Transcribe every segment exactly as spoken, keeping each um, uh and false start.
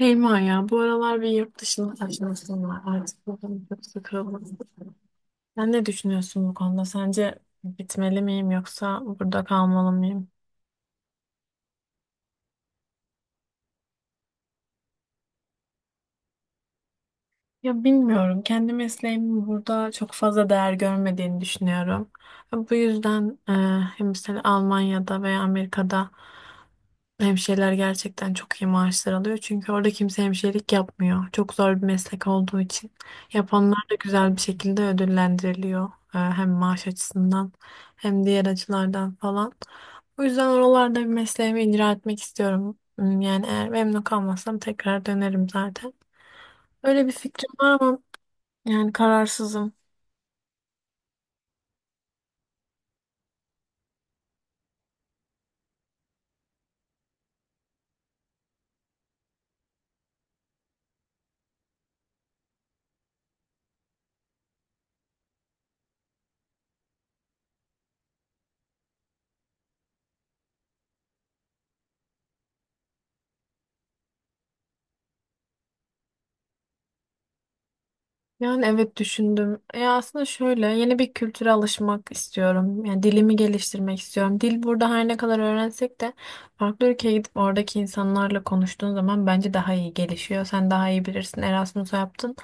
Şeyma ya bu aralar bir yurt dışına taşınasım var. Artık bakalım çok sıkıldım. Sen ne düşünüyorsun bu konuda? Sence gitmeli miyim yoksa burada kalmalı mıyım? Ya bilmiyorum. Kendi mesleğimin burada çok fazla değer görmediğini düşünüyorum. Bu yüzden e, hem mesela Almanya'da veya Amerika'da hemşireler gerçekten çok iyi maaşlar alıyor. Çünkü orada kimse hemşirelik yapmıyor. Çok zor bir meslek olduğu için. Yapanlar da güzel bir şekilde ödüllendiriliyor. E, hem maaş açısından hem diğer açılardan falan. Bu yüzden oralarda bir mesleğimi icra etmek istiyorum. Hmm, Yani eğer memnun kalmazsam tekrar dönerim zaten. Öyle bir fikrim var ama yani kararsızım. Yani evet düşündüm. E aslında şöyle yeni bir kültüre alışmak istiyorum. Yani dilimi geliştirmek istiyorum. Dil burada her ne kadar öğrensek de farklı ülkeye gidip oradaki insanlarla konuştuğun zaman bence daha iyi gelişiyor. Sen daha iyi bilirsin. Erasmus'u yaptın.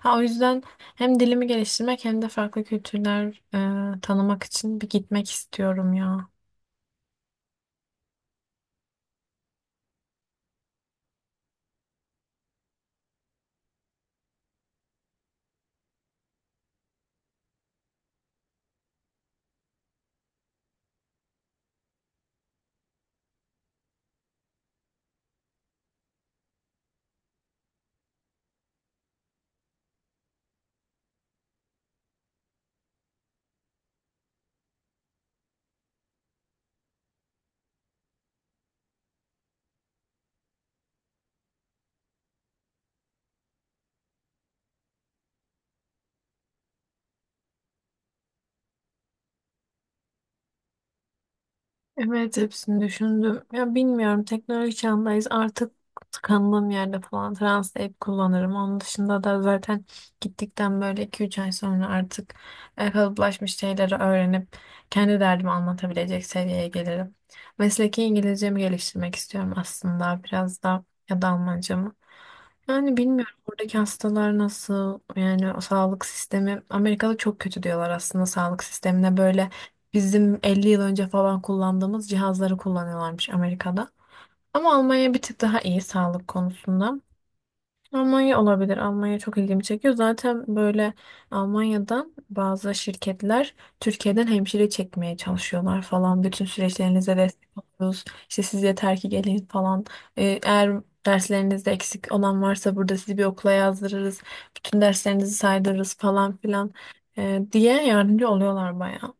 Ha, o yüzden hem dilimi geliştirmek hem de farklı kültürler e, tanımak için bir gitmek istiyorum ya. Evet hepsini düşündüm. Ya bilmiyorum, teknoloji çağındayız artık, tıkandığım yerde falan Translate kullanırım. Onun dışında da zaten gittikten böyle iki üç ay sonra artık e, kalıplaşmış şeyleri öğrenip kendi derdimi anlatabilecek seviyeye gelirim. Mesleki İngilizcemi geliştirmek istiyorum aslında biraz da, ya da Almancamı. Yani bilmiyorum oradaki hastalar nasıl, yani o sağlık sistemi Amerika'da çok kötü diyorlar aslında, sağlık sistemine böyle. Bizim elli yıl önce falan kullandığımız cihazları kullanıyorlarmış Amerika'da. Ama Almanya bir tık daha iyi sağlık konusunda. Almanya olabilir. Almanya çok ilgimi çekiyor. Zaten böyle Almanya'dan bazı şirketler Türkiye'den hemşire çekmeye çalışıyorlar falan. Bütün süreçlerinize, evet, destek oluyoruz. İşte siz yeter ki gelin falan. Ee, eğer derslerinizde eksik olan varsa burada sizi bir okula yazdırırız. Bütün derslerinizi saydırırız falan filan, ee, diye yardımcı oluyorlar bayağı.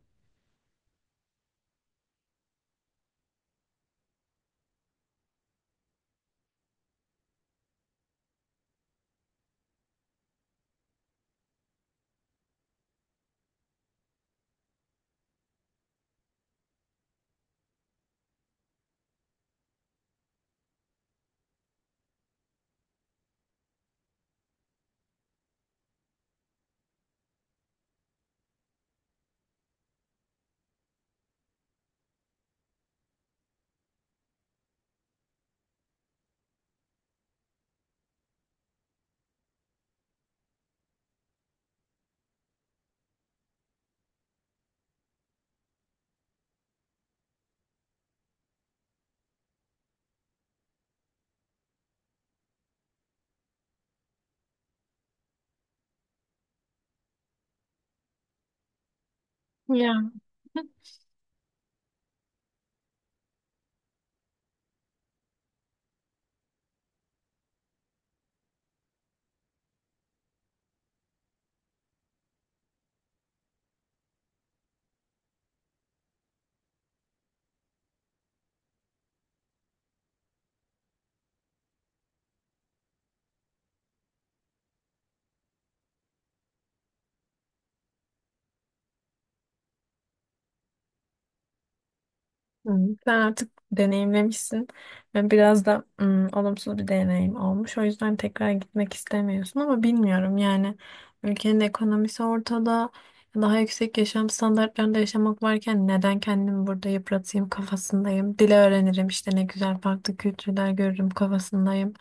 Hmm, Sen artık deneyimlemişsin ve biraz da hmm, olumsuz bir deneyim olmuş. O yüzden tekrar gitmek istemiyorsun ama bilmiyorum, yani ülkenin ekonomisi ortada. Daha yüksek yaşam standartlarında yaşamak varken neden kendimi burada yıpratayım kafasındayım. Dil öğrenirim işte, ne güzel, farklı kültürler görürüm kafasındayım.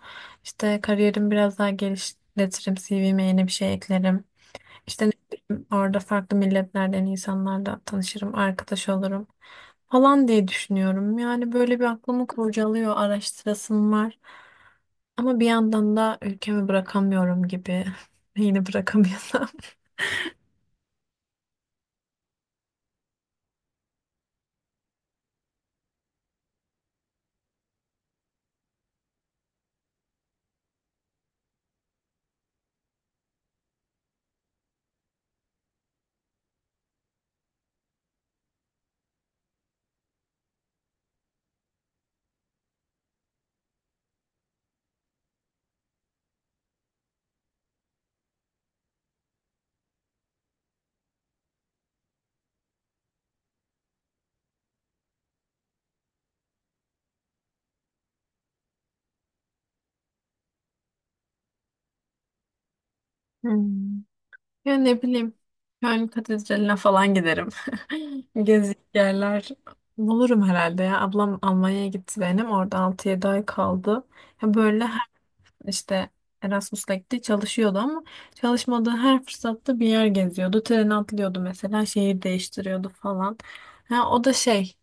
İşte kariyerimi biraz daha geliştiririm. C V'me yeni bir şey eklerim. İşte ne bileyim, orada farklı milletlerden insanlarla tanışırım, arkadaş olurum falan diye düşünüyorum. Yani böyle bir aklımı kurcalıyor, araştırasım var. Ama bir yandan da ülkemi bırakamıyorum gibi. Yine bırakamıyorum. Hmm. Ya ne bileyim, Köln Katedrali'ne falan giderim. Gezecek yerler bulurum herhalde ya. Ablam Almanya'ya gitti benim. Orada altı yedi ay kaldı. Ya böyle işte Erasmus'la gitti, çalışıyordu ama çalışmadığı her fırsatta bir yer geziyordu. Trene atlıyordu mesela, şehir değiştiriyordu falan. Ha, o da şey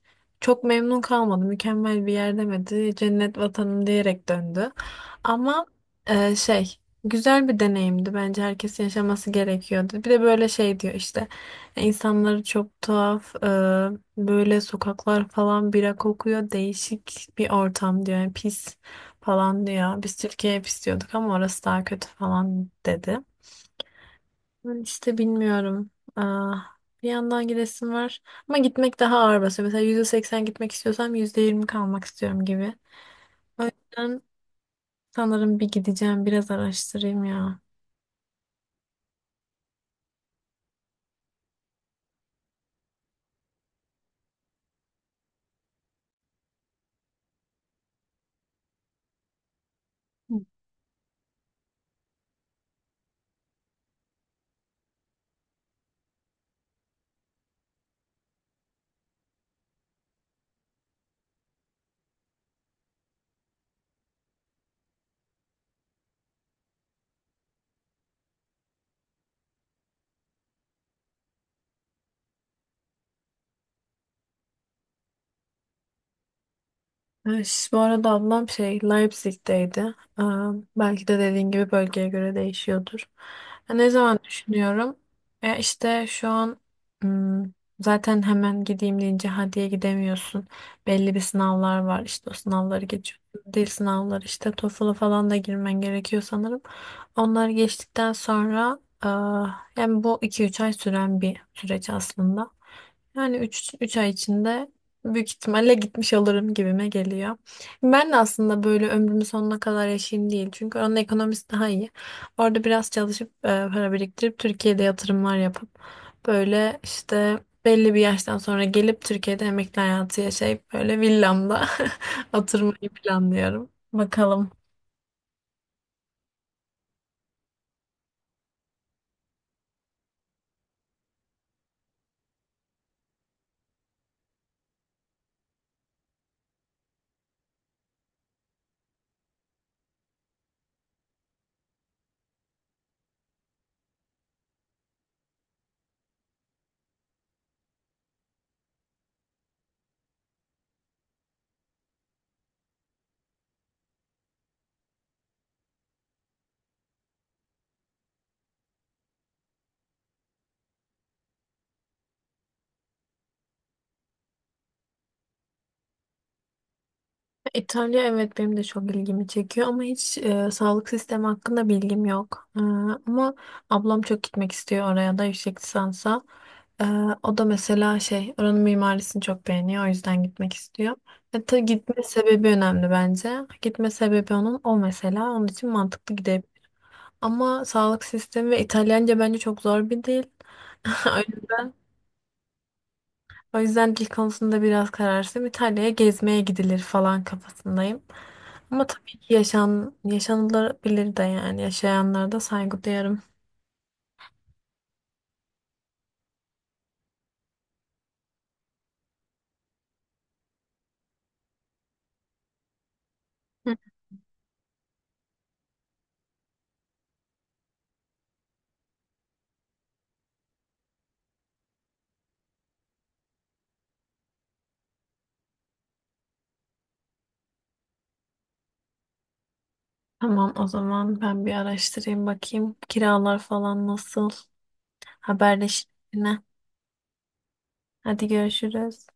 çok memnun kalmadı, mükemmel bir yer demedi, cennet vatanım diyerek döndü. Ama e, şey güzel bir deneyimdi, bence herkesin yaşaması gerekiyordu. Bir de böyle şey diyor işte, insanları çok tuhaf, e, böyle sokaklar falan bira kokuyor, değişik bir ortam diyor, yani pis falan diyor. Biz Türkiye hep istiyorduk ama orası daha kötü falan dedi. Ben işte bilmiyorum. Aa, bir yandan gidesim var. Ama gitmek daha ağır basıyor. Mesela yüzde seksen gitmek istiyorsam yüzde yirmi kalmak istiyorum gibi. O yüzden sanırım bir gideceğim, biraz araştırayım ya. Ee, ş- Bu arada ablam şey Leipzig'teydi. Ee, belki de dediğin gibi bölgeye göre değişiyordur. Ya, ne zaman düşünüyorum? Ya işte şu an, hmm, zaten hemen gideyim deyince hadiye gidemiyorsun. Belli bir sınavlar var. İşte o sınavları geçiyor. Dil sınavları işte TOEFL'a falan da girmen gerekiyor sanırım. Onları geçtikten sonra, aa, yani bu iki üç ay süren bir süreç aslında. Yani üç üç ay içinde büyük ihtimalle gitmiş olurum gibime geliyor. Ben de aslında böyle ömrümün sonuna kadar yaşayayım değil. Çünkü onun ekonomisi daha iyi. Orada biraz çalışıp e, para biriktirip Türkiye'de yatırımlar yapıp böyle işte belli bir yaştan sonra gelip Türkiye'de emekli hayatı yaşayıp böyle villamda oturmayı planlıyorum. Bakalım. İtalya, evet, benim de çok ilgimi çekiyor ama hiç e, sağlık sistemi hakkında bilgim yok. E, ama ablam çok gitmek istiyor oraya da, yüksek lisansa. E, O da mesela şey oranın mimarisini çok beğeniyor, o yüzden gitmek istiyor. E, tabii gitme sebebi önemli bence. Gitme sebebi onun, o mesela onun için mantıklı gidebilir. Ama sağlık sistemi ve İtalyanca bence çok zor bir dil. O yüzden, o yüzden dil konusunda biraz kararsızım. İtalya'ya gezmeye gidilir falan kafasındayım. Ama tabii ki yaşan, yaşanılabilir de, yani yaşayanlara da saygı duyarım. Hı. Tamam, o zaman ben bir araştırayım, bakayım. Kiralar falan nasıl? Haberleşelim yine. Hadi, görüşürüz.